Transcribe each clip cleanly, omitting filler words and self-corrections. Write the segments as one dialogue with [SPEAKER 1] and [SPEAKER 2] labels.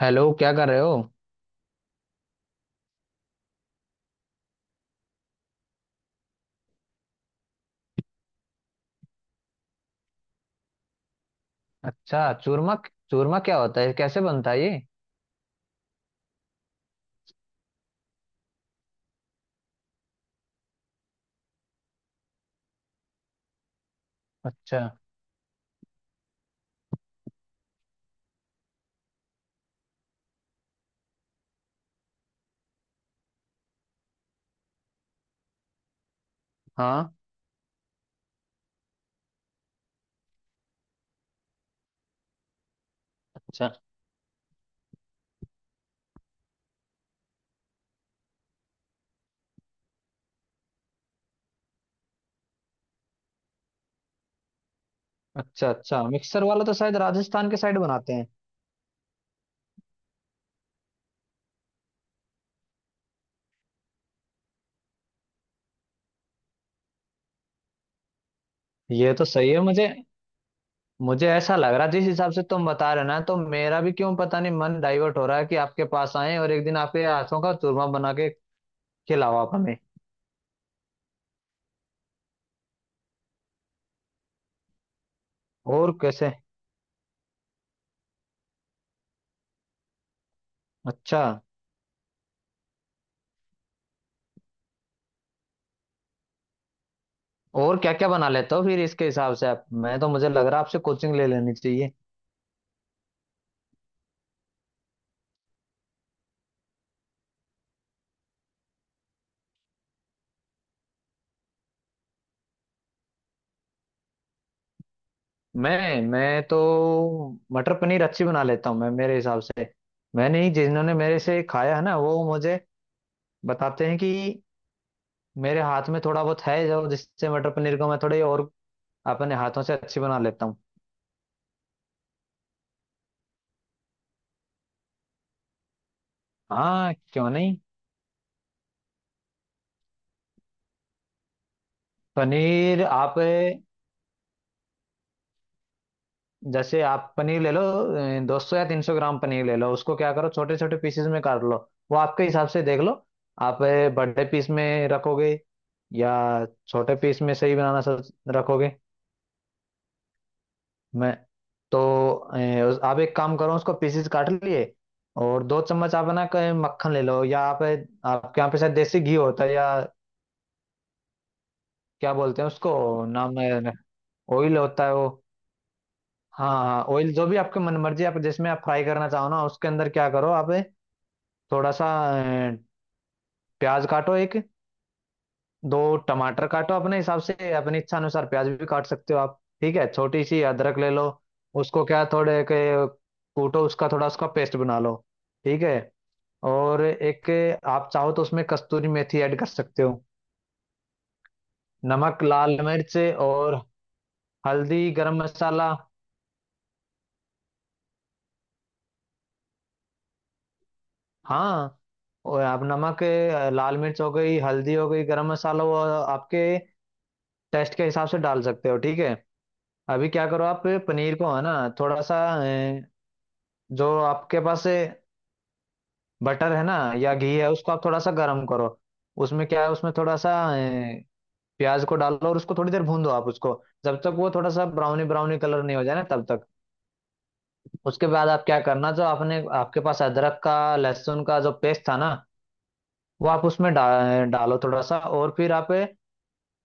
[SPEAKER 1] Hello, क्या कर रहे हो। अच्छा, चूरमा। चूरमा क्या होता है, कैसे बनता है ये? अच्छा। हाँ। अच्छा। अच्छा। अच्छा, मिक्सर वाला तो शायद राजस्थान के साइड बनाते हैं। ये तो सही है। मुझे मुझे ऐसा लग रहा, जिस हिसाब से तुम बता रहे हो ना, तो मेरा भी क्यों पता नहीं मन डाइवर्ट हो रहा है कि आपके पास आए और एक दिन आपके हाथों का चूरमा बना के खिलाओ आप हमें। और कैसे? अच्छा। और क्या क्या बना लेते हो फिर इसके हिसाब से आप? मैं तो मुझे लग रहा है आपसे कोचिंग ले लेनी चाहिए। मैं तो मटर पनीर अच्छी बना लेता हूँ मैं, मेरे हिसाब से। मैंने ही, जिन्होंने मेरे से खाया है ना, वो मुझे बताते हैं कि मेरे हाथ में थोड़ा बहुत है जो, जिससे मटर पनीर को मैं थोड़े और अपने हाथों से अच्छी बना लेता हूँ। हाँ, क्यों नहीं। पनीर आप, जैसे आप पनीर ले लो, 200 या 300 ग्राम पनीर ले लो। उसको क्या करो, छोटे छोटे पीसेस में काट लो। वो आपके हिसाब से देख लो आप, बड़े पीस में रखोगे या छोटे पीस में, सही बनाना सब, रखोगे। मैं तो आप एक काम करो, उसको पीसेस काट लिए और दो चम्मच आप, है ना, मक्खन ले लो। या आप, आपके यहाँ पे शायद देसी घी होता है, या क्या बोलते हैं उसको, नाम है ऑयल होता है वो। हाँ हाँ, ऑयल, जो भी आपके मन मर्जी आप, जिसमें आप फ्राई करना चाहो ना, उसके अंदर क्या करो आप, थोड़ा सा ए, प्याज काटो, एक दो टमाटर काटो अपने हिसाब से, अपनी इच्छा अनुसार प्याज भी काट सकते हो आप, ठीक है। छोटी सी अदरक ले लो, उसको क्या थोड़े के कूटो, उसका थोड़ा उसका पेस्ट बना लो, ठीक है। और एक, आप चाहो तो उसमें कस्तूरी मेथी ऐड कर सकते हो, नमक, लाल मिर्च और हल्दी, गरम मसाला। हाँ, और आप नमक, लाल मिर्च हो गई, हल्दी हो गई, गरम मसाला, वो आपके टेस्ट के हिसाब से डाल सकते हो, ठीक है। अभी क्या करो, आप पनीर को है ना, थोड़ा सा, जो आपके पास बटर है ना या घी है, उसको आप थोड़ा सा गर्म करो। उसमें क्या है, उसमें थोड़ा सा प्याज को डालो और उसको थोड़ी देर भून दो आप, उसको जब तक वो थोड़ा सा ब्राउनी ब्राउनी कलर नहीं हो जाए ना, तब तक। उसके बाद आप क्या करना, जो आपने, आपके पास अदरक का लहसुन का जो पेस्ट था ना, वो आप उसमें डालो थोड़ा सा। और फिर आप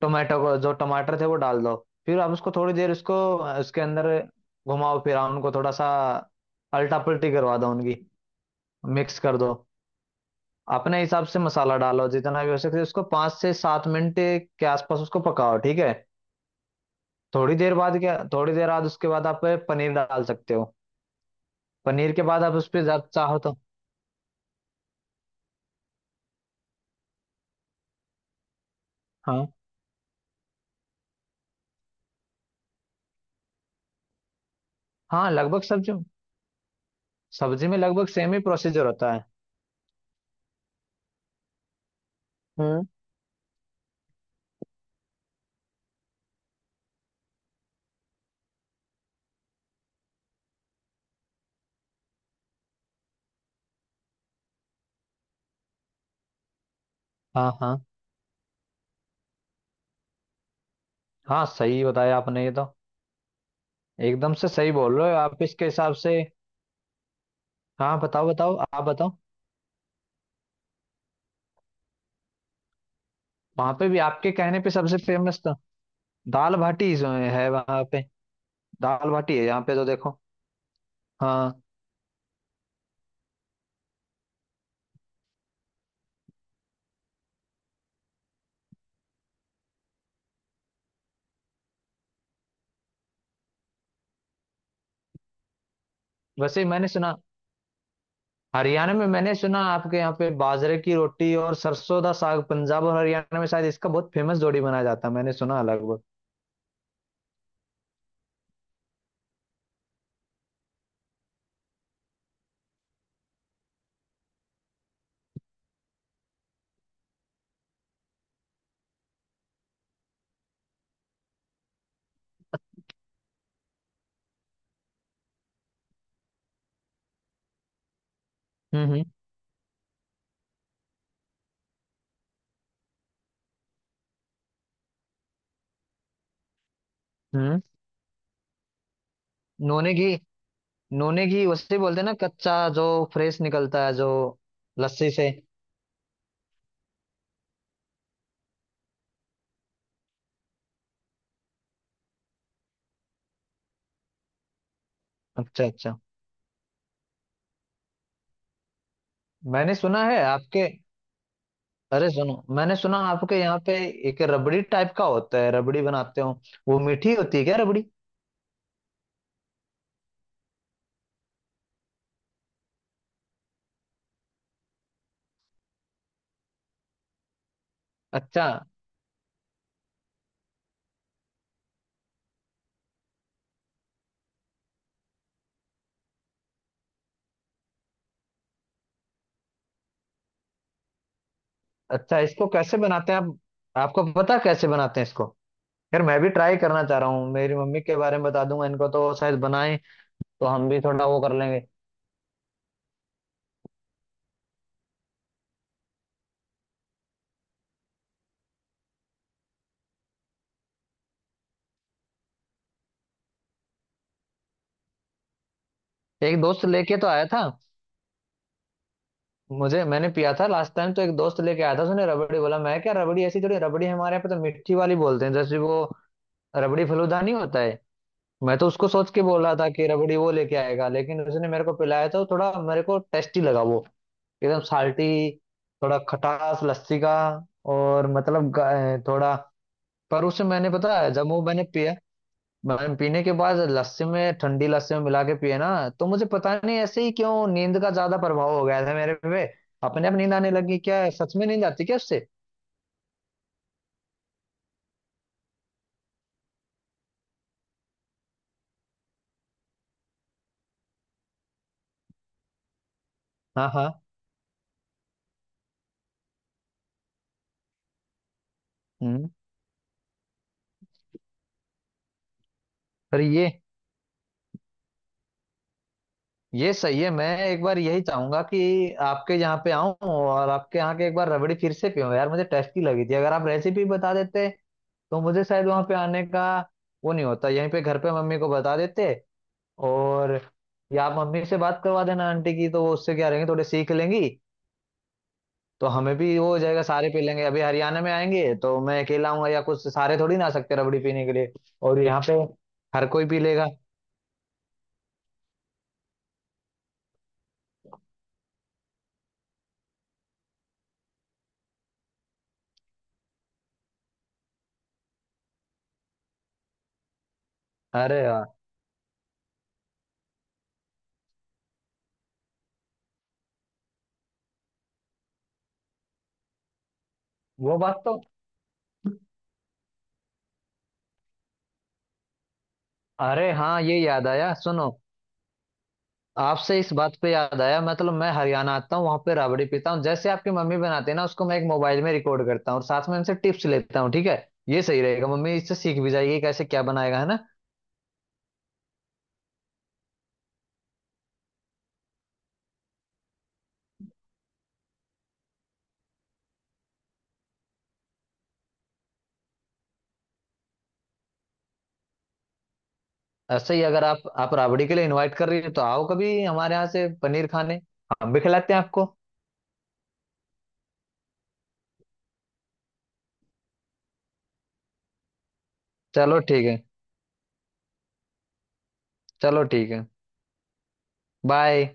[SPEAKER 1] टोमेटो को, जो टमाटर थे, वो डाल दो। फिर आप उसको थोड़ी देर उसको उसके अंदर घुमाओ फिराओ उनको, थोड़ा सा अल्टा पल्टी करवा दो उनकी, मिक्स कर दो। अपने हिसाब से मसाला डालो जितना भी हो सके। उसको 5 से 7 मिनट के आसपास उसको पकाओ, ठीक है। थोड़ी देर बाद, उसके बाद आप पनीर डाल सकते हो। पनीर के बाद आप उस पर चाहो तो। हाँ हाँ, लगभग सब्जी, सब्जी में लगभग सेम ही प्रोसीजर होता है। हम्म। हाँ हाँ हाँ, सही बताया आपने ये तो, एकदम से सही बोल रहे हो आप इसके हिसाब से। हाँ, बताओ बताओ, आप बताओ। वहाँ पे भी आपके कहने पे सबसे फेमस तो दाल बाटी जो है वहाँ पे, दाल बाटी है। यहाँ पे तो देखो, हाँ, वैसे मैंने सुना हरियाणा में, मैंने सुना आपके यहाँ पे बाजरे की रोटी और सरसों का साग, पंजाब और हरियाणा में शायद इसका बहुत फेमस जोड़ी बनाया जाता है, मैंने सुना लगभग। हम्म हम्म हम्म। नोने की, नूने घी उसे बोलते हैं ना, कच्चा जो फ्रेश निकलता है जो लस्सी से। अच्छा अच्छा। मैंने सुना है आपके, अरे सुनो, मैंने सुना आपके यहाँ पे एक रबड़ी टाइप का होता है, रबड़ी बनाते हो। वो मीठी होती है क्या, रबड़ी? अच्छा अच्छा, इसको कैसे बनाते हैं आप? आपको पता है कैसे बनाते हैं इसको? यार मैं भी ट्राई करना चाह रहा हूँ, मेरी मम्मी के बारे में बता दूंगा इनको तो शायद बनाएं, तो हम भी थोड़ा वो कर लेंगे। एक दोस्त लेके तो आया था मुझे, मैंने पिया था लास्ट टाइम, तो एक दोस्त लेके आया था, उसने रबड़ी बोला, मैं क्या, रबड़ी ऐसी थोड़ी, रबड़ी हमारे यहाँ पे तो मिट्टी वाली बोलते हैं जैसे वो, रबड़ी फलूदा नहीं होता है। मैं तो उसको सोच के बोल रहा था कि रबड़ी वो लेके आएगा, लेकिन उसने मेरे को पिलाया तो थोड़ा मेरे को टेस्टी लगा वो, एकदम साल्टी, थोड़ा खटास लस्सी का, और मतलब थोड़ा। पर उसे मैंने, पता है, जब वो मैंने पिया, मैम पीने के बाद लस्सी में, ठंडी लस्सी में मिला के पिए ना, तो मुझे पता नहीं ऐसे ही क्यों नींद का ज्यादा प्रभाव हो गया था मेरे पे, अपने आप नींद आने लगी, क्या है? सच में नींद आती क्या उससे? हाँ हाँ। हम्म। पर ये सही है, मैं एक बार यही चाहूंगा कि आपके यहाँ पे आऊं और आपके यहाँ के एक बार रबड़ी फिर से पीऊं, यार मुझे टेस्टी लगी थी। अगर आप रेसिपी बता देते, तो मुझे शायद वहां पे आने का वो नहीं होता, यहीं पे घर पे मम्मी को बता देते। और, या आप मम्मी से बात करवा देना आंटी की, तो वो उससे क्या रहेंगे, थोड़े सीख लेंगी, तो हमें भी वो हो जाएगा, सारे पी लेंगे। अभी हरियाणा में आएंगे तो मैं अकेला आऊंगा या कुछ, सारे थोड़ी ना आ सकते रबड़ी पीने के लिए। और यहाँ पे हर कोई पी लेगा। अरे यार, वो बात तो, अरे हाँ ये याद आया, सुनो, आपसे इस बात पे याद आया, मतलब मैं हरियाणा आता हूँ, वहां पे राबड़ी पीता हूँ जैसे आपकी मम्मी बनाते हैं ना, उसको मैं एक मोबाइल में रिकॉर्ड करता हूँ और साथ में इनसे टिप्स लेता हूँ, ठीक है। ये सही रहेगा, मम्मी इससे सीख भी जाएगी कैसे क्या बनाएगा, है ना। ऐसे ही अगर आप राबड़ी के लिए इनवाइट कर रही हो, तो आओ कभी हमारे यहाँ से पनीर खाने, हम भी खिलाते हैं आपको। चलो ठीक है। चलो ठीक है। बाय।